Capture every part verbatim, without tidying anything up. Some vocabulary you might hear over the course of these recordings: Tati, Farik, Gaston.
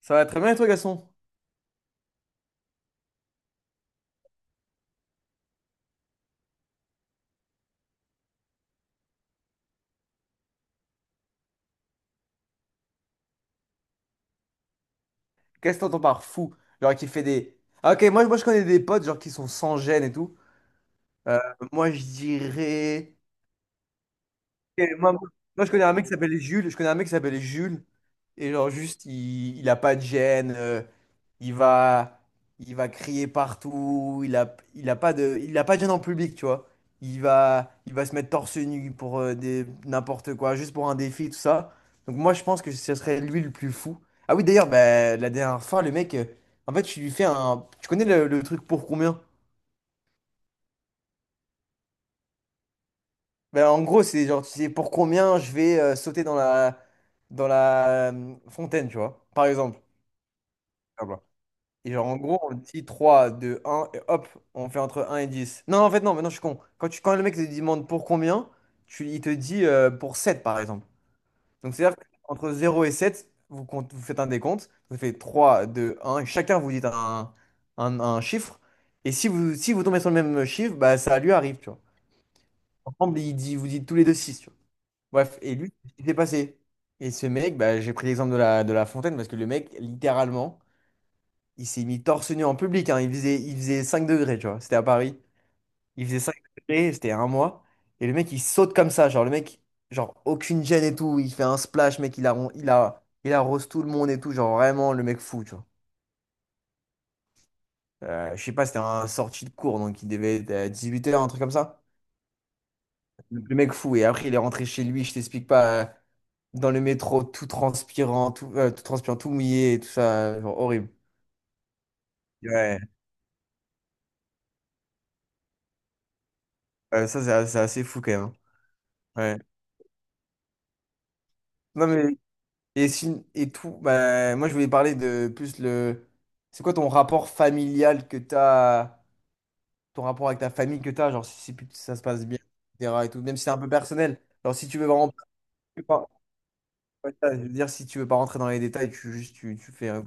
Ça va très bien, et toi, Gaston? Qu'est-ce que t'entends par fou? Genre, qui fait des. Ah, ok, moi, moi, je connais des potes, genre, qui sont sans gêne et tout. Euh, Moi, je dirais. Et moi, moi, moi, je connais un mec qui s'appelait Jules. Je connais un mec qui s'appelait Jules. Et genre, juste, il, il a pas de gêne. euh, il va, il va crier partout. Il a, il a pas de, il a pas de gêne en public, tu vois. Il va, il va se mettre torse nu pour euh, des, n'importe quoi, juste pour un défi, tout ça. Donc, moi, je pense que ce serait lui le plus fou. Ah oui, d'ailleurs, bah, la dernière fois, le mec, euh, en fait, tu lui fais un. Tu connais le, le truc pour combien? Ben, en gros, c'est genre, tu sais, pour combien je vais euh, sauter dans la, dans la euh, fontaine, tu vois, par exemple. Ah bah. Et genre, en gros, on dit trois deux un et hop, on fait entre un et dix. Non, en fait, non, mais non, je suis con. Quand, tu, quand le mec te demande pour combien, tu, il te dit euh, pour sept par exemple. Donc, c'est-à-dire qu'entre zéro et sept vous, compte- vous faites un décompte, vous faites trois deux un et chacun vous dit un, un, un chiffre. Et si vous, si vous tombez sur le même chiffre, bah, ça lui arrive, tu vois. Ensemble, il dit, vous dites tous les deux six. Bref, et lui, il s'est passé. Et ce mec, bah, j'ai pris l'exemple de la, de la fontaine parce que le mec, littéralement, il s'est mis torse nu en public, hein. Il faisait, il faisait cinq degrés, tu vois. C'était à Paris. Il faisait cinq degrés, c'était un mois. Et le mec, il saute comme ça. Genre, le mec, genre, aucune gêne et tout. Il fait un splash, mec, il, arron- il, a, il arrose tout le monde et tout. Genre, vraiment, le mec fou, tu vois. Euh, je sais pas, c'était un sorti de cours, donc il devait être à huit heures un truc comme ça. Le mec fou. Et après, il est rentré chez lui, je t'explique pas. Euh, dans le métro, tout transpirant, tout, euh, tout transpirant, tout mouillé, et tout ça, euh, genre horrible. Ouais, Euh, ça c'est c'est assez fou quand même, hein. Ouais. Non mais et si- et tout, bah, moi je voulais parler de plus le, c'est quoi ton rapport familial que t'as, ton rapport avec ta famille que t'as, genre si, si ça se passe bien, et cetera et tout, même si c'est un peu personnel. Genre si tu veux vraiment, Ouais, ça, je veux dire si tu veux pas rentrer dans les détails, tu juste tu, tu fais. euh,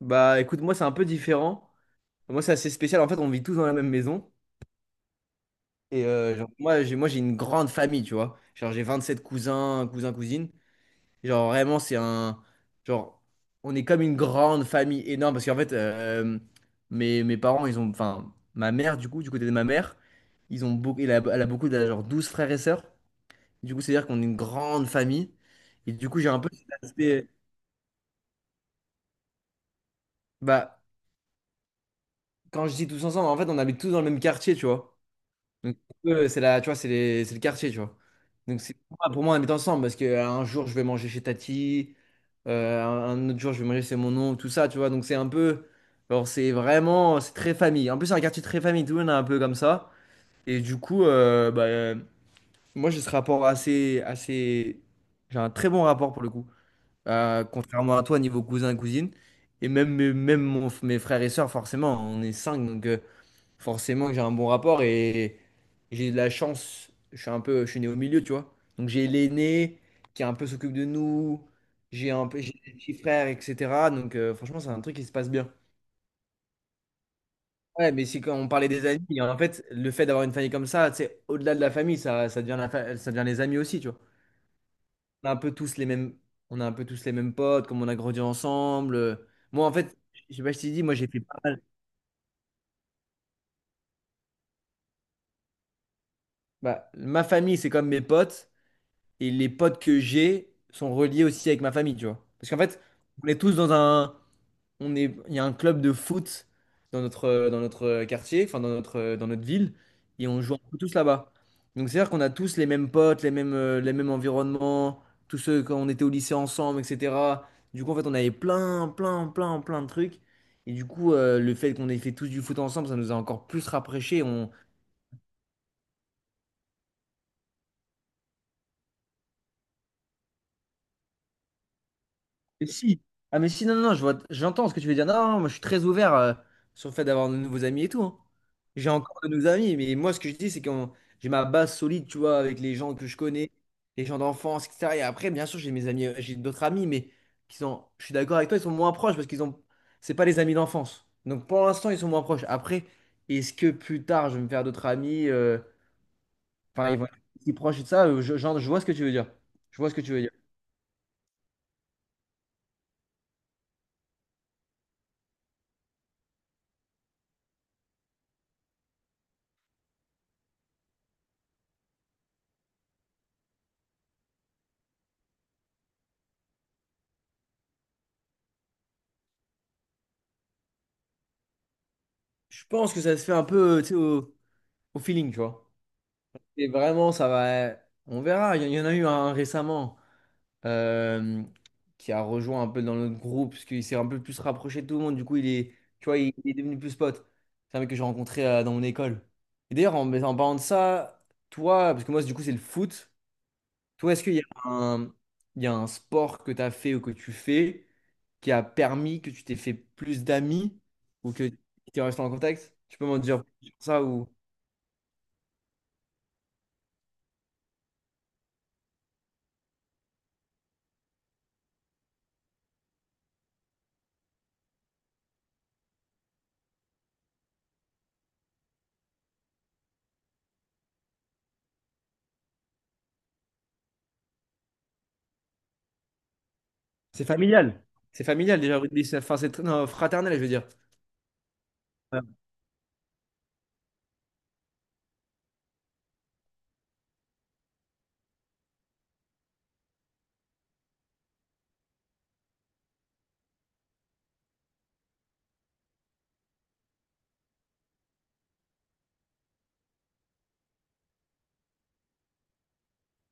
Bah écoute, moi c'est un peu différent. Moi c'est assez spécial. En fait, on vit tous dans la même maison. Et euh, genre, moi, j'ai moi, j'ai une grande famille, tu vois. Genre, j'ai vingt sept cousins, cousins, cousines. Et Genre, vraiment, c'est un. Genre, on est comme une grande famille énorme. Parce qu'en fait, euh, mes, mes parents, ils ont. Enfin, ma mère, du coup, du côté de ma mère, ils ont beaucoup, elle a, elle a beaucoup de, genre, douze frères et sœurs. Du coup, c'est-à-dire qu'on est une grande famille. Et du coup, j'ai un peu cet aspect. Bah, quand je dis tous ensemble, en fait, on habite tous dans le même quartier, tu vois. Donc, eux, c'est la, tu vois, c'est les- c'est le quartier, tu vois. Donc, c'est pour moi, pour moi, on est ensemble parce que euh, un jour, je vais manger chez Tati, euh, un un autre jour, je vais manger chez mon oncle, tout ça, tu vois. Donc, c'est un peu, alors, c'est vraiment, c'est très famille. En plus, c'est un quartier très famille, tout le monde est un peu comme ça. Et du coup, euh, bah, euh, moi, j'ai ce rapport assez, assez, j'ai un très bon rapport pour le coup, Euh, contrairement à toi, niveau cousin, cousine. Et même, mes- même mon- mes frères et sœurs, forcément, on est cinq, donc. Euh, forcément que j'ai un bon rapport et j'ai de la chance. Je suis un peu, je suis né au milieu, tu vois. Donc j'ai l'aîné qui un peu s'occupe de nous, j'ai un peu, j'ai des petits frères, et cetera. Donc euh, franchement, c'est un truc qui se passe bien. Ouais, mais c'est quand on parlait des amis, et en fait, le fait d'avoir une famille comme ça, c'est au-delà de la famille, ça, ça devient la fa- ça devient les amis aussi, tu vois. On a un peu tous les mêmes, on a un peu tous les mêmes potes, comme on a grandi ensemble. Moi, en fait, je sais pas si tu dis, moi j'ai fait pas mal. Bah, ma famille, c'est comme mes potes. et les potes que j'ai sont reliés aussi avec ma famille, tu vois. Parce qu'en fait, on est tous dans un, on est, il y a un club de foot dans notre, euh, dans notre euh, quartier, enfin dans notre, euh, dans notre ville, et on joue un peu tous là-bas. Donc c'est-à-dire qu'on a tous les mêmes potes, les mêmes, euh, les mêmes environnements, tous ceux quand on était au lycée ensemble, et cetera. Du coup, en fait, on avait plein, plein, plein, plein de trucs. Et du coup, euh, le fait qu'on ait fait tous du foot ensemble, ça nous a encore plus rapprochés. Mais si. Ah mais si, non, non, non, je vois, j'entends ce que tu veux dire. Non, non, moi je suis très ouvert euh, sur le fait d'avoir de nouveaux amis et tout, hein. J'ai encore de nouveaux amis, mais moi ce que je dis, c'est que j'ai ma base solide, tu vois, avec les gens que je connais, les gens d'enfance, et cetera. Et après, bien sûr, j'ai mes amis, euh, j'ai d'autres amis, mais qui sont, je suis d'accord avec toi, ils sont moins proches parce qu'ils ont, c'est pas les amis d'enfance. Donc pour l'instant, ils sont moins proches. Après, est-ce que plus tard, je vais me faire d'autres amis, euh, enfin, ils vont être plus proches et tout ça, euh, je, genre, je vois ce que tu veux dire. Je vois ce que tu veux dire. Je pense que ça se fait un peu, euh, tu sais, au- au feeling, tu vois. Et vraiment, ça va. On verra. Il y, il y en a eu un récemment euh, qui a rejoint un peu dans notre groupe, parce qu'il s'est un peu plus rapproché de tout le monde. Du coup, il est, tu vois, il, il est devenu plus pote. C'est un mec que j'ai rencontré euh, dans mon école. Et d'ailleurs, en, en parlant de ça, toi, parce que moi, du coup, c'est le foot. Toi, est-ce qu'il y a un, il y a un sport que tu as fait ou que tu fais qui a permis que tu t'es fait plus d'amis ou que tu es resté en contact? Tu peux m'en dire plus sur ça ou. C'est familial. C'est familial déjà, le rugby. C'est- Enfin, c'est tr- non, fraternel, je veux dire. Ouais,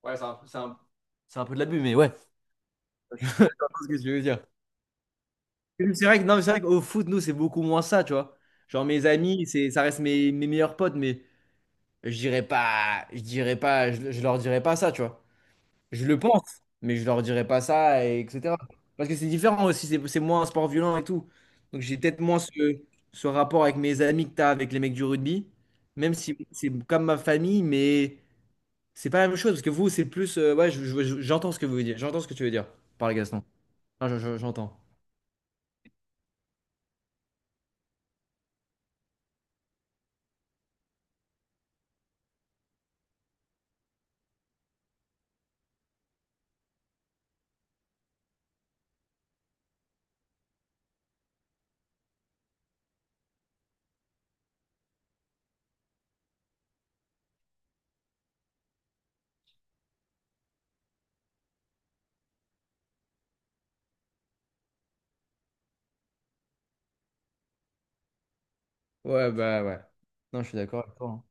Ouais, c'est un, c'est un- c'est un peu de l'abus, mais ouais. C'est ce que je veux dire. C'est vrai que, non, mais c'est vrai qu'au foot, nous, c'est beaucoup moins ça, tu vois. Genre, mes amis, c'est, ça reste mes, mes meilleurs potes, mais je dirais pas, je dirais pas, je, je leur dirais pas ça, tu vois. Je le pense, mais je leur dirais pas ça, et etc. Parce que c'est différent aussi, c'est c'est moins un sport violent et tout. Donc, j'ai peut-être moins ce, ce rapport avec mes amis que t'as avec les mecs du rugby, même si c'est comme ma famille, mais. C'est pas la même chose, parce que vous, c'est plus. Euh, ouais, je- je- je- j'entends ce que vous voulez dire. J'entends ce que tu veux dire par le Gaston. Ah, je- je- j'entends. Ouais, bah ouais. Non, je suis d'accord avec toi, hein.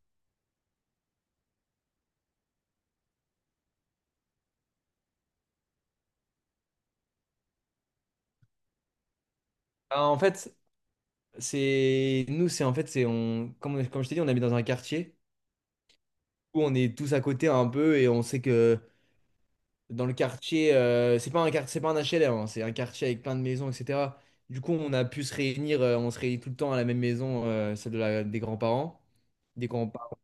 Ah, en fait, c'est. Nous, c'est en fait, c'est. On... Comme, on- comme je t'ai dit, on habite dans un quartier où on est tous à côté un peu et on sait que dans le quartier. Euh, c'est pas un quart- c'est pas un H L M, hein, c'est un quartier avec plein de maisons, et cetera. Du coup, on a pu se réunir. Euh, on se réunit tout le temps à la même maison, euh, celle de la... des grands-parents. Des grands-parents.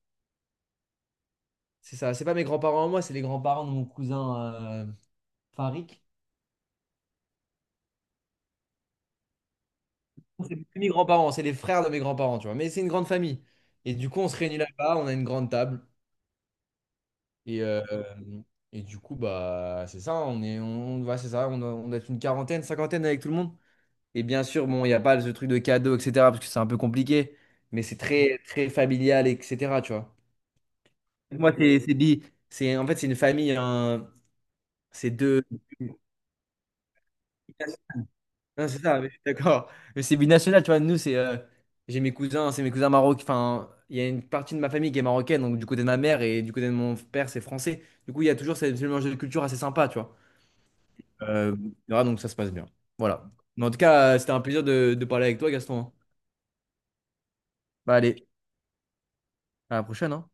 C'est ça, c'est pas mes grands-parents à moi, c'est les grands-parents de mon cousin. euh, Farik? C'est plus mes grands-parents, c'est les frères de mes grands-parents, tu vois. Mais c'est une grande famille. Et du coup, on se réunit là-bas, on a une grande table. Et, euh, et du coup, bah, c'est ça, on est, on, ouais, c'est ça, on, doit- on doit être une quarantaine, cinquantaine avec tout le monde. Et bien sûr, bon, il n'y a pas ce truc de cadeau, et cetera, parce que c'est un peu compliqué. Mais c'est très, très familial, et cetera, tu vois. Moi, c'est, c'est bi- c'est, en fait, c'est une famille, un- c'est deux. Non, c'est ça, mais je suis d'accord. Mais c'est binational, tu vois. Nous, c'est. Euh, j'ai mes cousins, c'est mes cousins marocains. Enfin, il y a une partie de ma famille qui est marocaine, donc du côté de ma mère et du côté de mon père, c'est français. Du coup, il y a toujours ce ce mélange de culture assez sympa, tu vois. Euh, voilà, donc ça se passe bien. Voilà. Mais en tout cas, euh, c'était un plaisir de, de parler avec toi, Gaston, hein. Bah, allez, à la prochaine, hein.